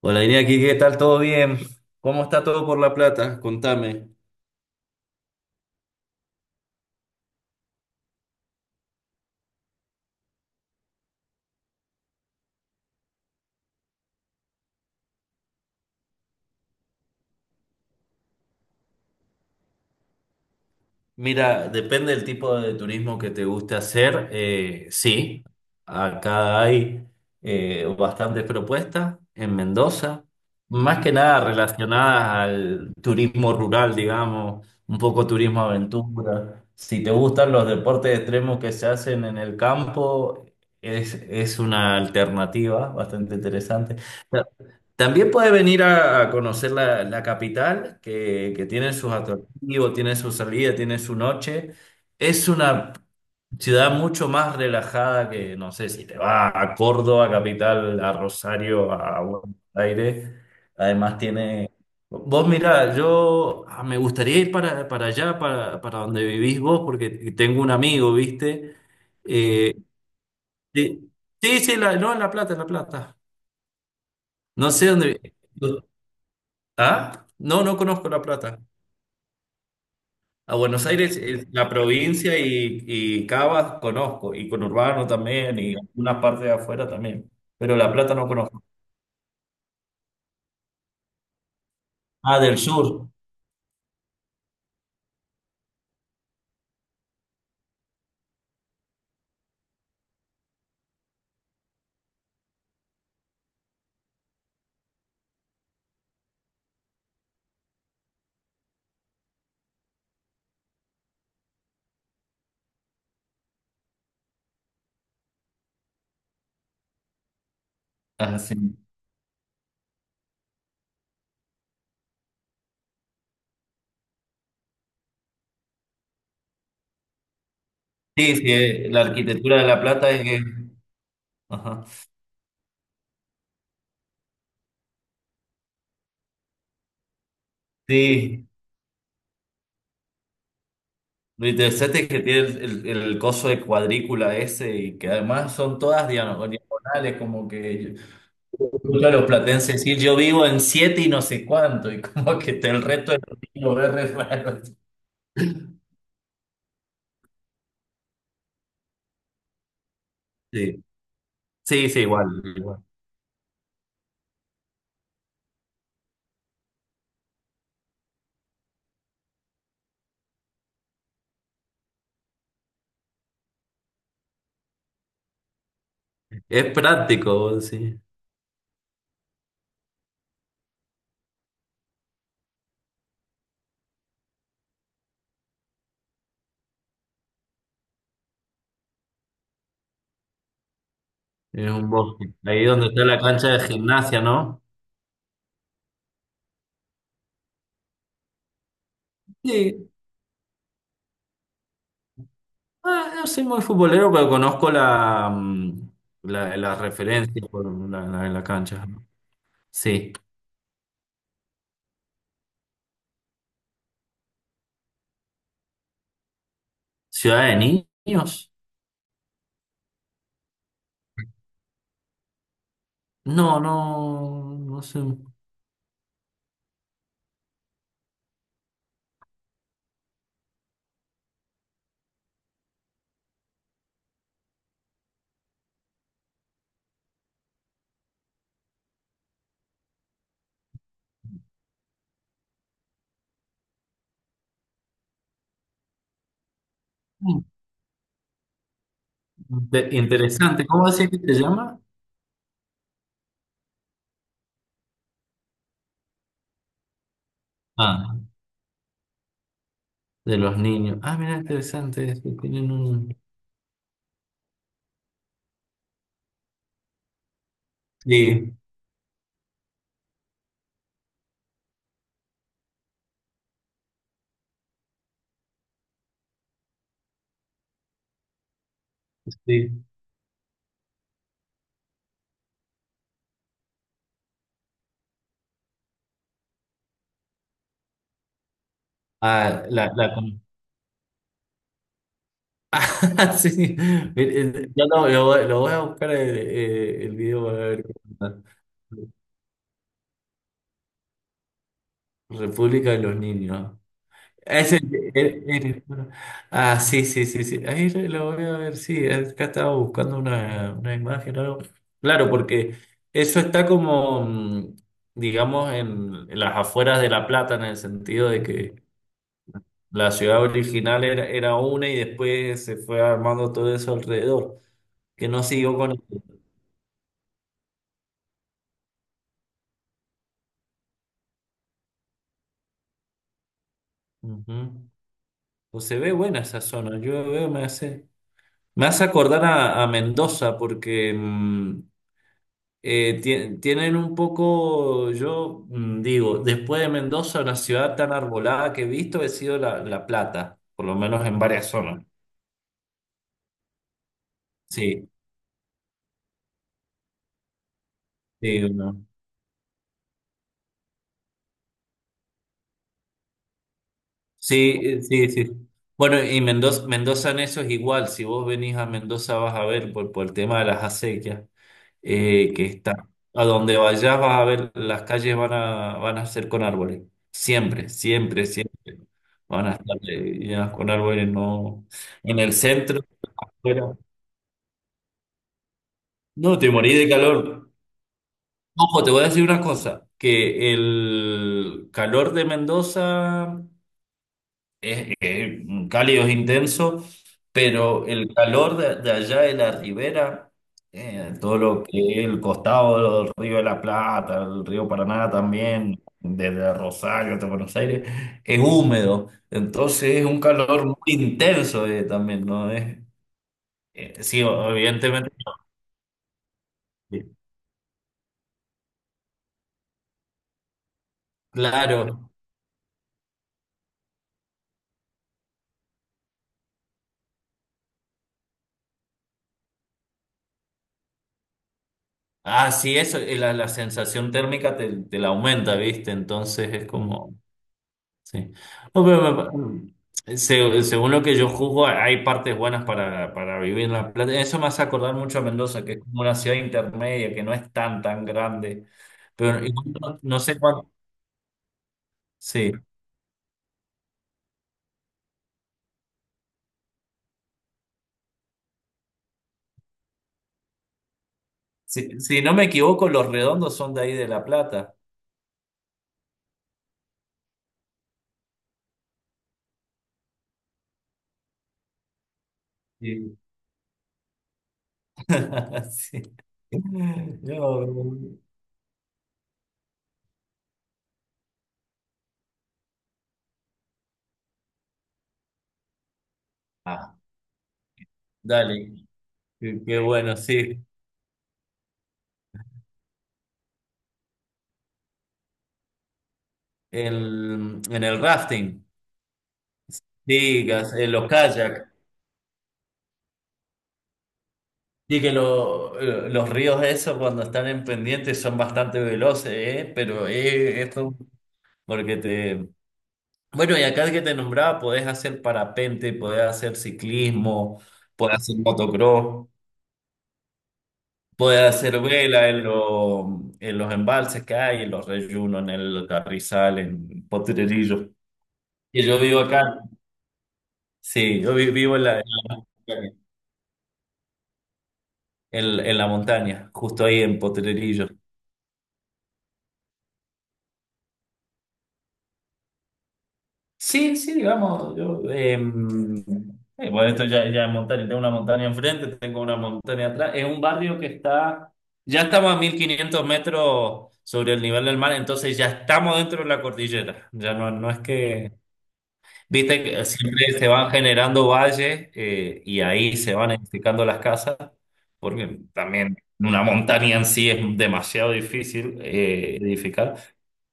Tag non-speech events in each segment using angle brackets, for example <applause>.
Hola, Iría, aquí. ¿Qué tal? ¿Todo bien? ¿Cómo está todo por La Plata? Contame. Mira, depende del tipo de turismo que te guste hacer. Sí, acá hay bastantes propuestas en Mendoza, más que nada relacionadas al turismo rural, digamos, un poco turismo aventura. Si te gustan los deportes extremos que se hacen en el campo, es una alternativa bastante interesante. También puede venir a conocer la capital, que tiene sus atractivos, tiene su salida, tiene su noche. Es una ciudad mucho más relajada que, no sé, si te vas a Córdoba, capital, a Rosario, a Buenos Aires. Además tiene... Vos mirá, yo me gustaría ir para allá, para donde vivís vos, porque tengo un amigo, ¿viste? Eh, sí, sí, sí, no, en La Plata, en La Plata. No sé dónde... Ah, no, no conozco La Plata. A Buenos Aires, la provincia y Cava conozco, y Conurbano también, y algunas partes de afuera también, pero La Plata no conozco. Ah, del sur. Ah, sí. Sí, sí, la arquitectura de La Plata es que... Ajá. Sí, lo interesante es que tiene el coso de cuadrícula ese y que además son todas diagonales, como que escucho a los platenses decir yo vivo en siete y no sé cuánto, y como que el resto del mundo es re raro. Sí, sí, sí, igual, igual. Es práctico, sí. Es un bosque. Ahí donde está la cancha de gimnasia, ¿no? Sí. Ah, no soy muy futbolero, pero conozco la, las referencias por la cancha, ¿no? Sí. ¿Ciudad de niños? No, no, no sé. Interesante. ¿Cómo decía que te llama? Ah, de los niños. Ah, mira, interesante. Eso, tienen un... Sí, sí. Ah, <laughs> sí. Mire, no, no, lo voy a buscar el video para ver qué onda. República de los Niños. Es el- ah, sí, sí, sí, sí. Ahí lo voy a ver, sí. Acá estaba buscando una imagen o algo. Claro, porque eso está como, digamos, en las afueras de La Plata, en el sentido de que la ciudad original era una y después se fue armando todo eso alrededor, que no siguió con... Ujú. O se ve buena esa zona. Yo veo, me hace acordar a Mendoza porque tienen un poco, yo digo, después de Mendoza, una ciudad tan arbolada que he visto, he sido La Plata, por lo menos en varias zonas. Sí, sí, uno- Sí, sí, sí. Bueno, y Mendoza, Mendoza en eso es igual. Si vos venís a Mendoza vas a ver por el tema de las acequias. Que está. A donde vayas vas a ver, las calles van a ser con árboles. Siempre, siempre, siempre. Van a estar llenas con árboles, no. En el centro, pero- No, te morí de calor. Ojo, te voy a decir una cosa, que el calor de Mendoza es, cálido, es intenso, pero el calor de allá de la ribera, todo lo que es el costado del Río de la Plata, el Río Paraná también, desde Rosario hasta Buenos Aires, es húmedo, entonces es un calor muy intenso también, ¿no? Sí, evidentemente, claro. Ah, sí, eso, la sensación térmica te la aumenta, ¿viste? Entonces es como... Sí. No, pero, según lo que yo juzgo, hay partes buenas para vivir en La Plata. Eso me hace acordar mucho a Mendoza, que es como una ciudad intermedia, que no es tan grande. Pero igual no, no sé cuánto. Sí. Si, si no me equivoco, los redondos son de ahí de La Plata. Sí. <laughs> Sí. No, ah, dale. Qué, qué bueno, sí. En el rafting, digas, en los kayaks. Y que los ríos esos cuando están en pendiente son bastante veloces, ¿eh? Pero esto, porque te... Bueno, y acá que te nombraba, podés hacer parapente, podés hacer ciclismo, podés hacer motocross, podés hacer vela en, en los embalses que hay, en los reyunos, en el Carrizal, en Potrerillo. Y yo vivo acá, sí, yo vivo en la, en la montaña, justo ahí en Potrerillo. Sí, sí, digamos, bueno, esto ya, ya es montaña, tengo una montaña enfrente, tengo una montaña atrás, es un barrio que está, ya estamos a 1500 metros sobre el nivel del mar, entonces ya estamos dentro de la cordillera, ya no, no es que, viste que siempre se van generando valles y ahí se van edificando las casas, porque también una montaña en sí es demasiado difícil edificar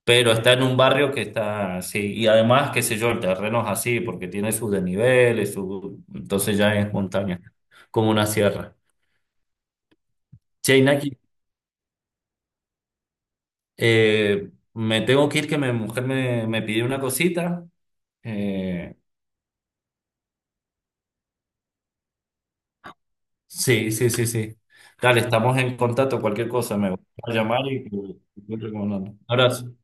pero está en un barrio que está así. Y además, qué sé yo, el terreno es así, porque tiene sus desniveles, su... entonces ya es montaña, como una sierra. Che, Inaki, me tengo que ir, que mi mujer me pidió una cosita. Eh, sí, sí, sí, sí. Dale, estamos en contacto, cualquier cosa, me voy a llamar y voy recomendando. Abrazo.